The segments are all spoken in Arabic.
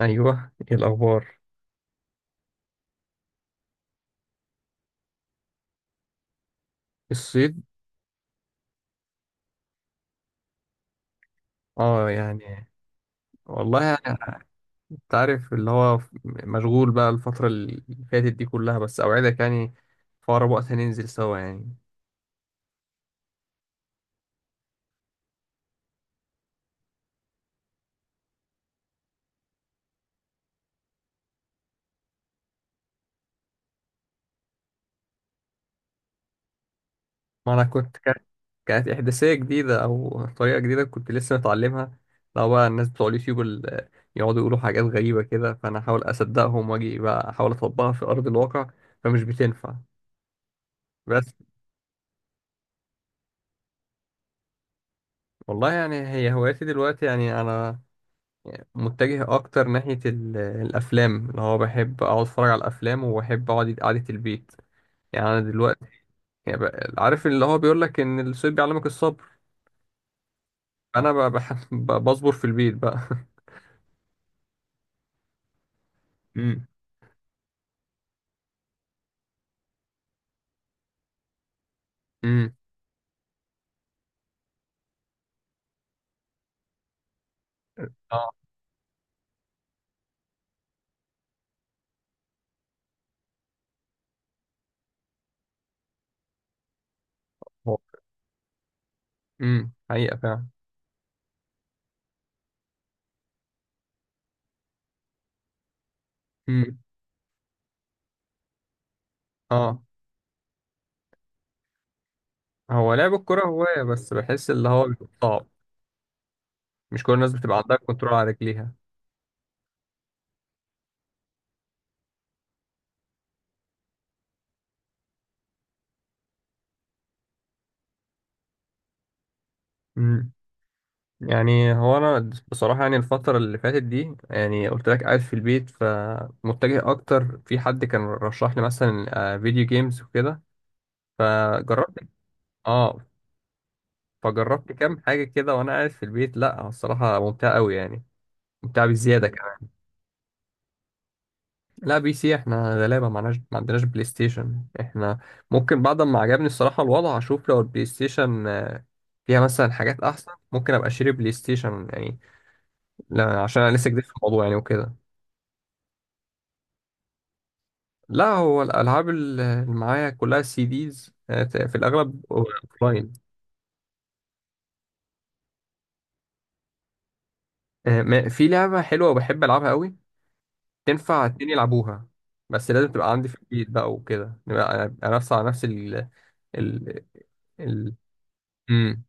ايوه، ايه الاخبار؟ الصيد. اه، يعني. والله، يعني انت عارف اللي هو مشغول بقى الفتره اللي فاتت دي كلها، بس اوعدك يعني في اقرب وقت هننزل سوا يعني. ما انا كنت كانت كانت احداثيه جديده او طريقه جديده كنت لسه متعلمها. لو بقى الناس بتوع اليوتيوب اللي يقعدوا يقولوا حاجات غريبه كده، فانا احاول اصدقهم واجي بقى احاول اطبقها في ارض الواقع، فمش بتنفع. بس. والله، يعني هي هوايتي دلوقتي يعني انا يعني متجه اكتر ناحية الافلام، اللي هو بحب اقعد اتفرج على الافلام وبحب اقعد قعدة البيت يعني. انا دلوقتي يعني عارف اللي هو بيقول لك ان الصيد بيعلمك الصبر. انا بصبر في البيت بقى. امم. امم. اه. هو، حقيقة فعلا. امم. اه. هو لعب الكرة هواية، بس بحس اللي هو بيبقى صعب. مش كل الناس بتبقى عندها كنترول على رجليها. امم. يعني هو انا بصراحه يعني الفتره اللي فاتت دي يعني قلت لك قاعد في البيت، فمتجه اكتر. في حد كان رشح لي مثلا فيديو جيمز وكده، فجربت. اه. فجربت كام حاجه كده وانا قاعد في البيت، لا الصراحه ممتعه قوي يعني. ممتعه بزياده كمان. لا، PC. احنا غلابه، معناش ما عندناش بلاي ستيشن احنا. ممكن بعد ما عجبني الصراحه الوضع، اشوف لو البلاي ستيشن فيها مثلا حاجات احسن، ممكن ابقى اشتري بلاي ستيشن يعني. لا عشان انا لسه جديد في الموضوع يعني وكده. لا، هو الالعاب اللي معايا كلها CDs، في الاغلب اوفلاين. في لعبه حلوه وبحب العبها قوي، تنفع اتنين يلعبوها. بس لازم تبقى عندي في البيت بقى وكده نبقى. أنا نفس على نفس ال ال. امم.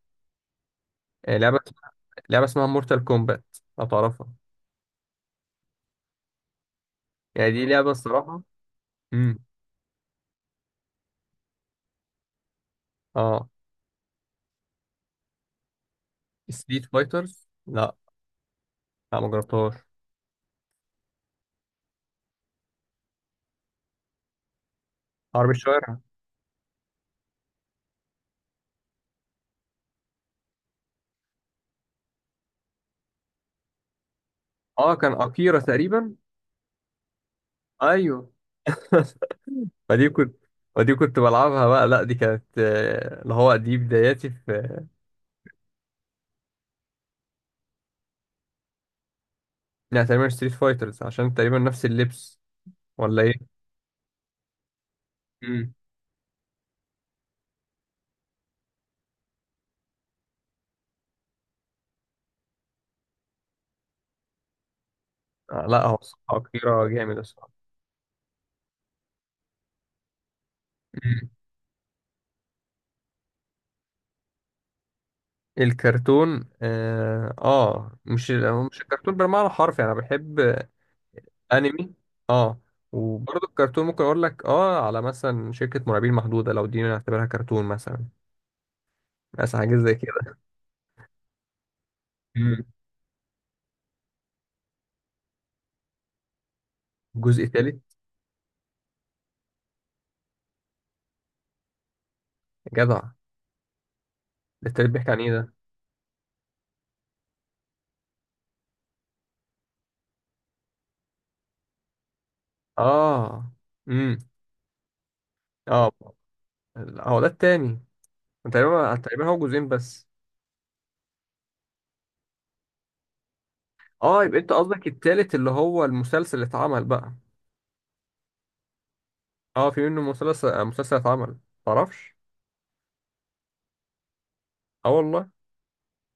آه، لعبه لعبه اسمها مورتال كومبات، لو تعرفها. يعني دي لعبه الصراحه. امم. اه. ستريت فايترز، لا. لا، ما جربتهاش. حرب الشوارع. اه، كان اكيرا تقريبا. ايوه. فدي كنت فدي كنت بلعبها بقى، لا دي كانت اللي هو دي بداياتي في. يعني تقريبا ستريت فايترز، عشان تقريبا نفس اللبس. ولا ايه؟ امم. لا، هو الصراحة كتيرة جامد الصراحة. امم. الكرتون، اه. مش، هو مش الكرتون بالمعنى الحرفي، يعني انا بحب. انمي. اه. وبرضه الكرتون ممكن اقول لك، على مثلا شركة مرعبين محدودة، لو دي نعتبرها كرتون مثلا. مثلا حاجة زي كده. امم. الجزء التالت؟ جدع. ده التالت بيحكي عن ايه ده؟ اه. اه. لا، هو ده التاني. تقريبا هو جزئين بس. اه، يبقى انت قصدك التالت اللي هو المسلسل اللي اتعمل بقى. اه، في منه مسلسل، اتعمل. تعرفش؟ اه والله.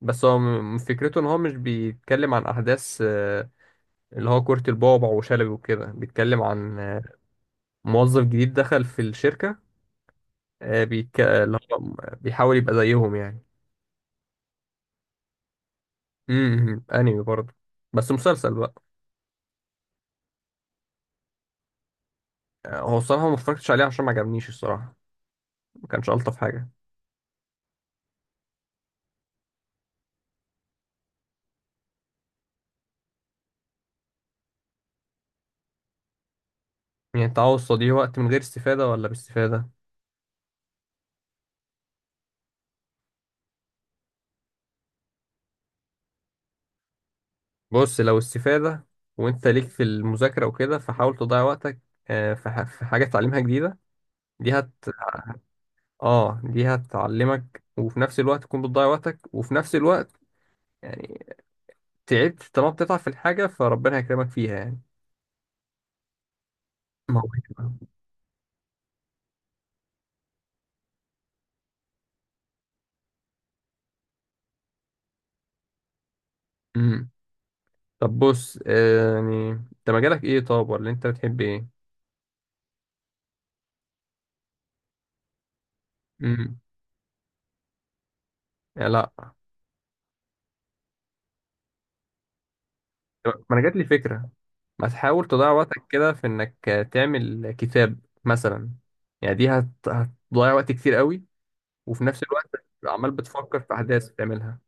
بس هو فكرته ان هو مش بيتكلم عن احداث اللي هو كرة البعبع وشلبي وكده، بيتكلم عن موظف جديد دخل في الشركة، اللي هو بيحاول يبقى زيهم يعني. امم، انمي برضه، بس مسلسل بقى. هو الصراحة ما اتفرجتش عليه، عشان ما عجبنيش الصراحة. ما كانش ألطف حاجة. يعني التعوض دي وقت من غير استفادة ولا باستفادة؟ بص، لو استفادة وانت ليك في المذاكرة وكده، فحاول تضيع وقتك في حاجة تتعلمها جديدة. دي هت اه، دي هتعلمك، وفي نفس الوقت تكون بتضيع وقتك، وفي نفس الوقت يعني تعبت. طالما بتتعب في الحاجة، فربنا هيكرمك فيها يعني. ما هو كده. امم. طب بص، يعني انت مجالك ايه طب، ولا انت بتحب ايه؟ امم. لا. ما انا جات لي فكره. ما تحاول تضيع وقتك كده في انك تعمل كتاب مثلا. يعني هتضيع وقت كتير قوي، وفي نفس الوقت عمال بتفكر في احداث بتعملها.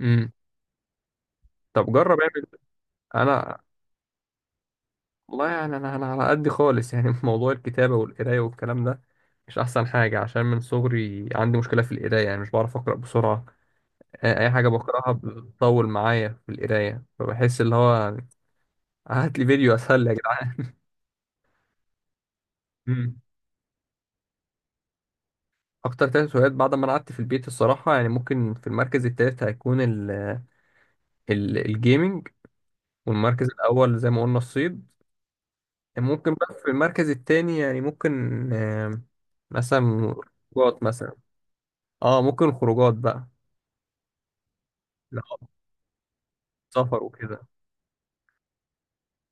امم. طب جرب اعمل. انا، والله يعني انا على قد خالص يعني. في موضوع الكتابه والقرايه والكلام ده، مش احسن حاجه. عشان من صغري عندي مشكله في القرايه، يعني مش بعرف اقرا بسرعه. اي حاجه بقراها بتطول معايا في القرايه، فبحس اللي هو هات لي فيديو اسهل يا جدعان. اكتر ثلاث هوايات بعد ما انا قعدت في البيت الصراحه، يعني ممكن في المركز الثالث هيكون ال ال الجيمنج، والمركز الاول زي ما قلنا الصيد. ممكن بقى في المركز الثاني يعني، ممكن آه، مثلا خروجات مثلا. اه، ممكن خروجات بقى. لا، سفر وكده.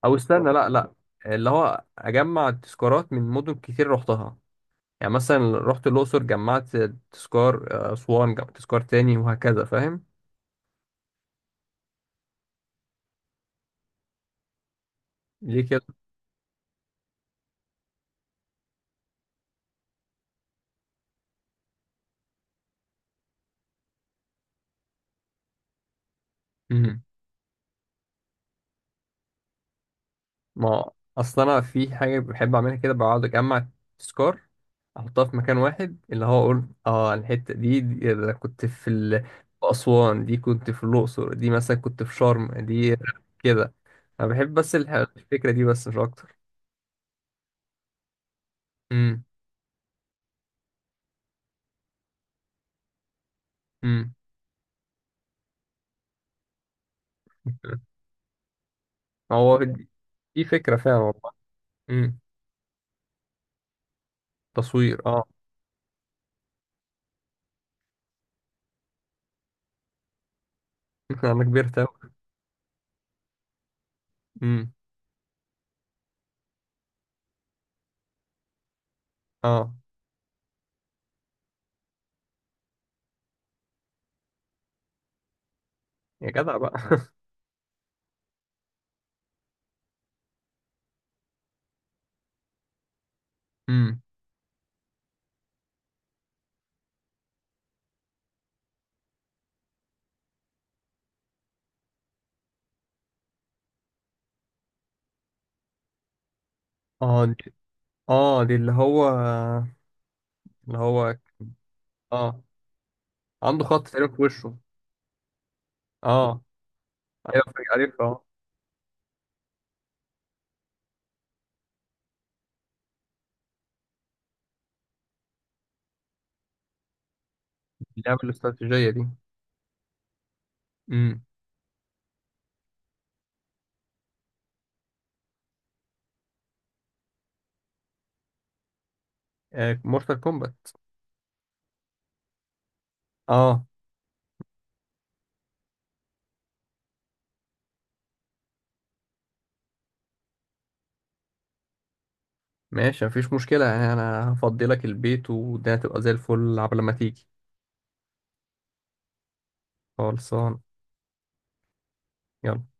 او استنى، لا لا، اللي هو اجمع تذكارات من مدن كتير رحتها. يعني مثلا رحت الاقصر، جمعت تذكار، اسوان جمعت تذكار تاني، وهكذا، فاهم؟ ليه؟ كده، ما اصل انا في حاجه بحب اعملها كده. بقعد اجمع تذكار، احطها في مكان واحد، اللي هو اقول، الحته دي، دي، أنا كنت في في اسوان، دي كنت في الاقصر، دي مثلا كنت في شرم دي. كده. انا بحب بس الفكره دي بس، مش اكتر. امم. امم. هو دي، دي فكره فعلا والله. امم. تصوير، اه. انا كبرت اوي. امم. اه. يا جدع بقى. امم. اه. دي، اللي هو اه عنده خط تقريبا في وشه. اه. ايوه، عارف، اه. اللعبه الاستراتيجيه دي. امم. مورتال كومبات. اه. ماشي، مفيش مشكله يعني. انا هفضي لك البيت، والدنيا هتبقى زي الفل عبال ما تيجي. خلصان. يلا.